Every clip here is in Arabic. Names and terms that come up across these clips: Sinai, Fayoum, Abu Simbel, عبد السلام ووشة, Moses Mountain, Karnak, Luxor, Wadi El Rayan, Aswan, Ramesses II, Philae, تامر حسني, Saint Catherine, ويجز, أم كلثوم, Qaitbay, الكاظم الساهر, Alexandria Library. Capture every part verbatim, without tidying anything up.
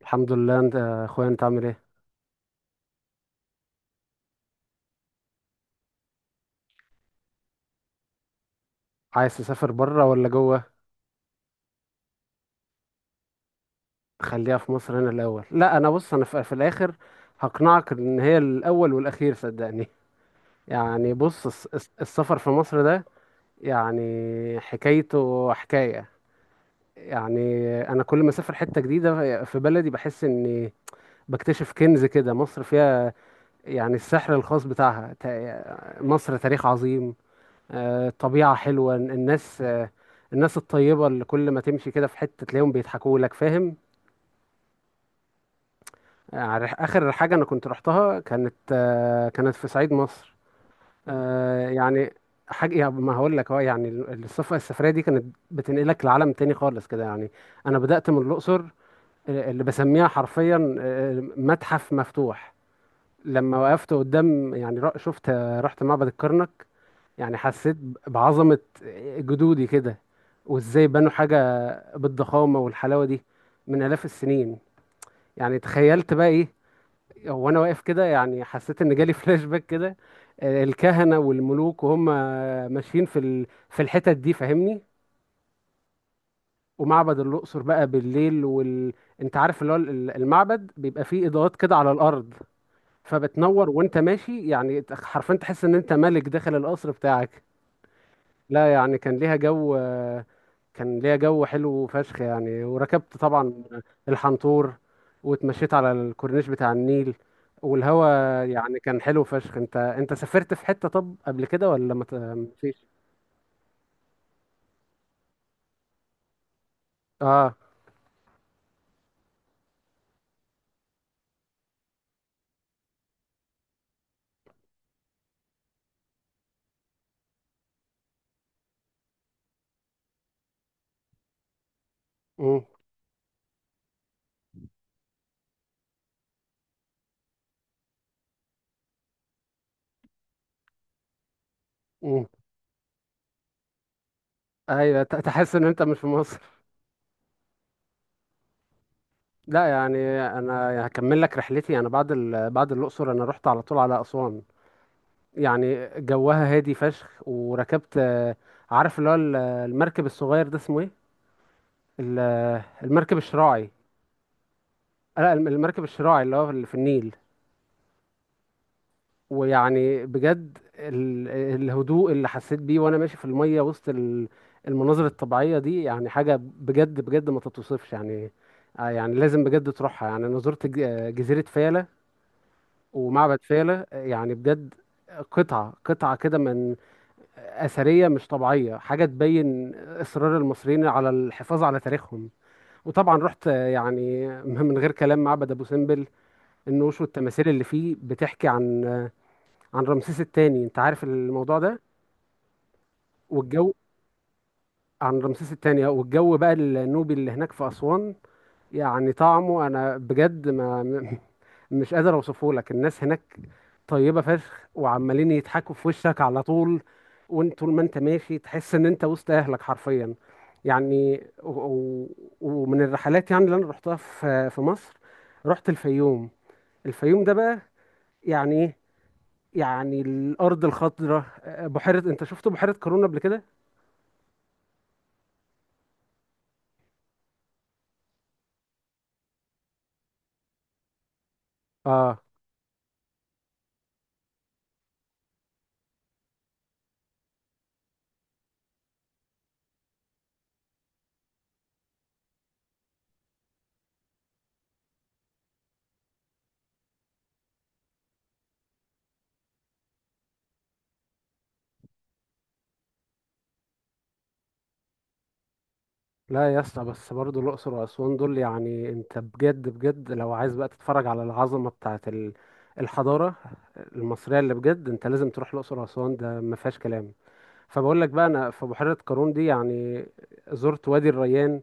الحمد لله. انت يا اخويا، انت عامل ايه؟ عايز تسافر بره ولا جوه؟ خليها في مصر هنا الاول. لا، انا بص، انا في, في الاخر هقنعك ان هي الاول والاخير، صدقني. يعني بص، الس- الس- السفر في مصر ده يعني حكايته حكاية. يعني انا كل ما اسافر حتة جديدة في بلدي بحس اني بكتشف كنز كده، مصر فيها يعني السحر الخاص بتاعها. تا- مصر تاريخ عظيم، آه، طبيعة حلوة، الناس، آه، الناس الطيبة اللي كل ما تمشي كده في حتة تلاقيهم بيضحكوا لك، فاهم؟ آه، عارف- آخر حاجة أنا كنت رحتها كانت، آه، كانت في صعيد مصر. آه، يعني حاجة يعني ما هقول لك، اه يعني السفر السفرية دي كانت بتنقلك لعالم تاني خالص كده يعني. أنا بدأت من الأقصر، آه، اللي بسميها حرفيا آه، متحف مفتوح. لما وقفت قدام يعني را- شفت، آه، رحت معبد الكرنك. يعني حسيت بعظمة جدودي كده، وازاي بنوا حاجة بالضخامة والحلاوة دي من آلاف السنين. يعني تخيلت بقى ايه وانا واقف كده. يعني حسيت ان جالي فلاش باك كده. آه، الكهنة والملوك وهم ماشيين في ال... في الحتت دي، فاهمني؟ ومعبد الأقصر بقى بالليل وال... انت عارف اللي هو ال- المعبد بيبقى فيه إضاءات كده على الأرض، فبتنور وانت ماشي. يعني حرفيا تحس ان انت ملك داخل القصر بتاعك. لا يعني كان ليها جو، كان ليها جو حلو فشخ يعني. وركبت طبعا الحنطور، واتمشيت على الكورنيش بتاع النيل والهوا. يعني كان حلو فشخ. انت انت سافرت في حتة طب قبل كده ولا ما ت- ما فيش؟ اه. امم. امم. ايوه، ت- تحس ان انت مش في مصر. لا يعني انا هكمل لك رحلتي. انا بعد ال... بعد الاقصر انا رحت على طول على اسوان. يعني جوها هادي فشخ. وركبت، آه، عارف اللي هو ال- المركب الصغير ده اسمه ايه؟ ال- المركب الشراعي. لا الم- المركب الشراعي اللي هو اللي في النيل. ويعني بجد ال- الهدوء اللي حسيت بيه وانا ماشي في المية وسط ال- المناظر الطبيعية دي، يعني حاجة بجد بجد ما تتوصفش يعني. آه يعني لازم بجد تروحها. يعني انا زرت ج- آه جزيرة فيلة ومعبد فيلة. آه يعني بجد قطعة قطعة كده من أثرية مش طبيعية، حاجة تبين إصرار المصريين على الحفاظ على تاريخهم. وطبعا رحت، آه، يعني من غير كلام، معبد أبو سمبل، النوش والتماثيل اللي فيه بتحكي عن عن رمسيس الثاني. انت عارف الموضوع ده؟ والجو، عن رمسيس الثاني والجو بقى النوبي اللي هناك في أسوان، يعني طعمه انا بجد ما م- مش قادر اوصفه لك. الناس هناك طيبة فشخ وعمالين يضحكوا في وشك على طول. وانت طول ما انت ماشي تحس ان انت وسط اهلك حرفيا يعني و... و... ومن الرحلات يعني اللي انا رحتها في في مصر، رحت الفيوم. الفيوم ده بقى يعني إيه؟ يعني الارض الخضراء، آه، بحيره، انت شفت بحيره قارون قبل كده؟ اه. لا يا اسطى، بس برضه الاقصر واسوان دول يعني، انت بجد بجد لو عايز بقى تتفرج على العظمه بتاعه ال- الحضاره المصريه، اللي بجد انت لازم تروح الاقصر واسوان، ده ما فيهاش كلام. فبقول لك بقى، انا في بحيره قارون دي يعني زرت وادي الريان،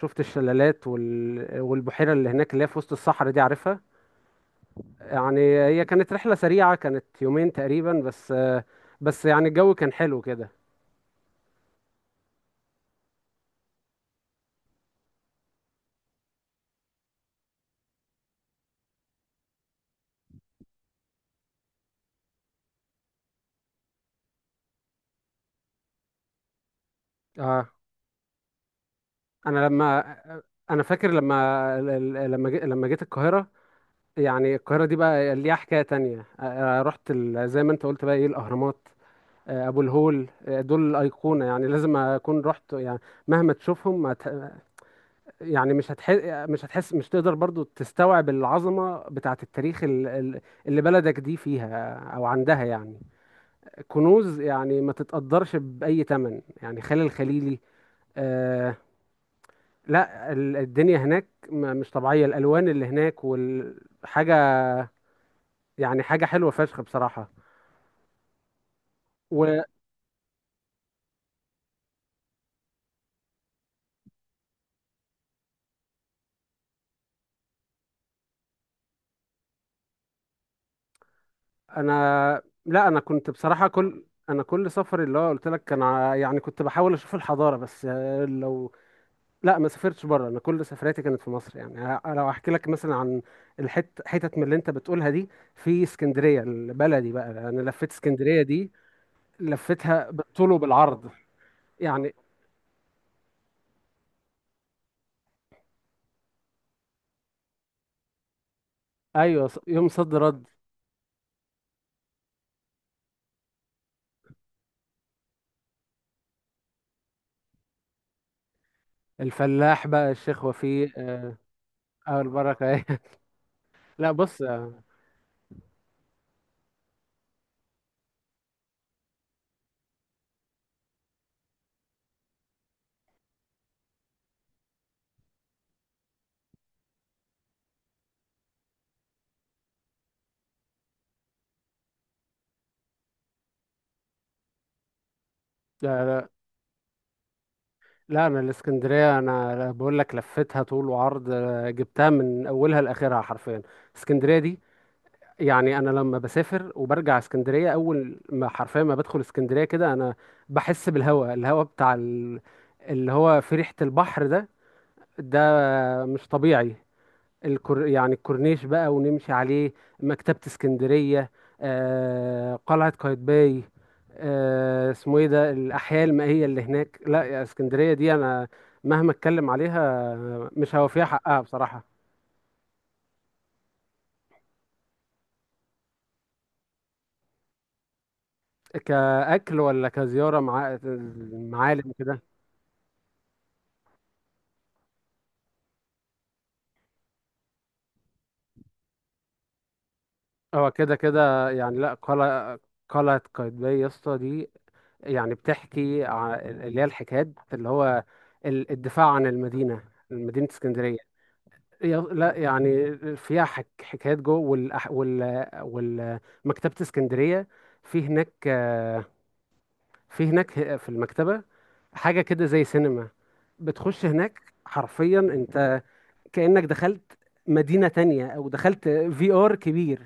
شفت الشلالات وال... والبحيره اللي هناك اللي هي في وسط الصحراء دي، عارفها؟ يعني هي كانت رحله سريعه، كانت يومين تقريبا بس. آه، بس يعني الجو كان حلو كده. اه. انا لما انا فاكر لما لما جي- لما جيت القاهره. يعني القاهره دي بقى ليها حكايه تانية. آه، آه، رحت ال- زي ما انت قلت بقى ايه، الاهرامات، آه، ابو الهول، آه، دول الايقونه يعني لازم اكون رحت يعني. مهما تشوفهم ما ت- يعني مش هتحس مش هتحس، مش تقدر برضو تستوعب العظمه بتاعه التاريخ، ال- ال- اللي بلدك دي فيها او عندها، يعني كنوز يعني ما تتقدرش باي ثمن. يعني خان الخليلي، لا ال- الدنيا هناك م- مش طبيعية، الألوان اللي هناك والحاجة، يعني حاجة حلوة فشخ بصراحة. وأنا، لا، أنا كنت بصراحة، كل أنا كل سفر اللي هو قلت لك كان، ع- يعني كنت بحاول أشوف الحضارة بس. آه، لو، لا ما سافرتش بره. أنا كل سفرياتي كانت في مصر يعني. ه- لو أحكي لك مثلا عن الحت حتت من اللي أنت بتقولها دي، في اسكندرية البلدي بقى، أنا لفيت اسكندرية دي، لفيتها بالطول وبالعرض يعني. أيوة، ص- يوم صد رد. الفلاح بقى الشيخ وفيه اول بركه ايه لا بص، لا. لا, لا، انا الاسكندريه انا بقول لك لفتها طول وعرض، جبتها من اولها لاخرها حرفيا. اسكندريه دي يعني، انا لما بسافر وبرجع اسكندريه، اول ما حرفيا ما بدخل اسكندريه كده، انا بحس بالهواء، الهواء بتاع ال- اللي هو في ريحه البحر ده، ده مش طبيعي. الكور يعني الكورنيش بقى ونمشي عليه، مكتبة اسكندرية، آه قلعة قايتباي، آه اسمه ايه ده، الأحياء المائية اللي هناك. لا، يا اسكندرية دي أنا مهما اتكلم عليها مش هوفيها حقها بصراحة. كأكل ولا كزيارة مع معالم كده؟ هو كده كده يعني. لا قلعة، قلعة قايتباي يا اسطى دي يعني بتحكي ع- اللي هي الحكايات، اللي هو ال- الدفاع عن المدينة، مدينة اسكندرية. يا- لا يعني فيها حك حكايات جوه، والأح... وال... وال... مكتبة اسكندرية، في هناك، آه، في هناك في المكتبة حاجة كده زي سينما. بتخش هناك حرفيا انت كأنك دخلت مدينة تانية، او دخلت في ار كبير.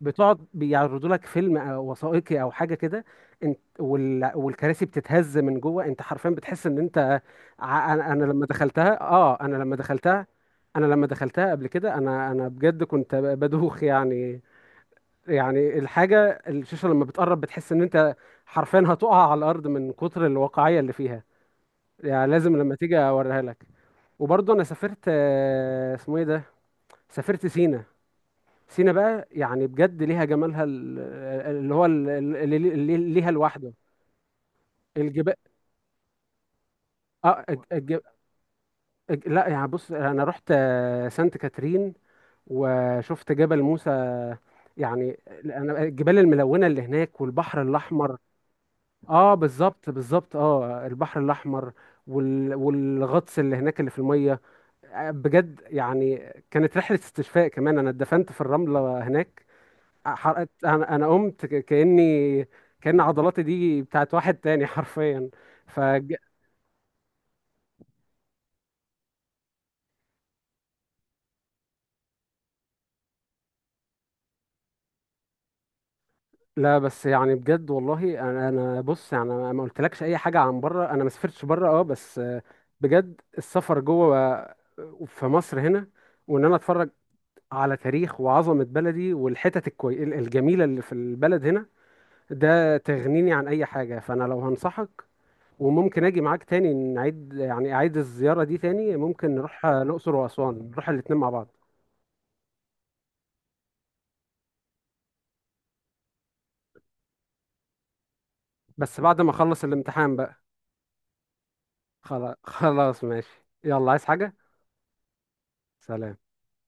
بتقعد بيعرضوا لك فيلم أو وثائقي او حاجه كده، انت وال... والكراسي بتتهز من جوه. انت حرفيا بتحس ان انت، ع- انا أنا لما دخلتها. اه انا لما دخلتها انا لما دخلتها قبل كده. انا انا بجد كنت ب- بدوخ يعني. يعني الحاجه، الشاشه لما بتقرب بتحس ان انت حرفيا هتقع على الارض من كتر الواقعيه اللي فيها. يعني لازم لما تيجي اوريها لك. وبرضه انا سافرت، آه، اسمه ايه ده، سافرت سينا. سينا بقى يعني بجد ليها جمالها، ال- اللي هو ال- اللي اللي ليها لوحده، الجبال. اه الج... الج... الج... لا يعني بص، انا رحت، آه، سانت كاترين، وشفت جبل موسى. يعني انا، الجبال الملونه اللي هناك والبحر الاحمر، اه بالظبط بالظبط، اه البحر الاحمر وال... والغطس اللي هناك اللي في الميه. آه، بجد يعني كانت رحله استشفاء كمان، انا اتدفنت في الرمله هناك، حرقت. انا انا قمت ك- كاني كان عضلاتي دي بتاعت واحد تاني حرفيا. ف لا بس يعني بجد والله، انا انا بص يعني، انا ما قلتلكش اي حاجه عن بره. انا ما سافرتش بره اه. بس آه، بجد السفر جوه في مصر هنا، وان انا اتفرج على تاريخ وعظمه بلدي، والحتت الكوي... الجميله اللي في البلد هنا، ده تغنيني عن اي حاجه. فانا لو هنصحك، وممكن اجي معاك تاني، نعيد يعني اعيد الزيارة دي تاني. ممكن نروح، آه، الأقصر وأسوان، نروح الاتنين مع بعض. بس بعد ما اخلص الامتحان بقى. خلاص خلاص ماشي. يلا، عايز حاجة؟ سلام.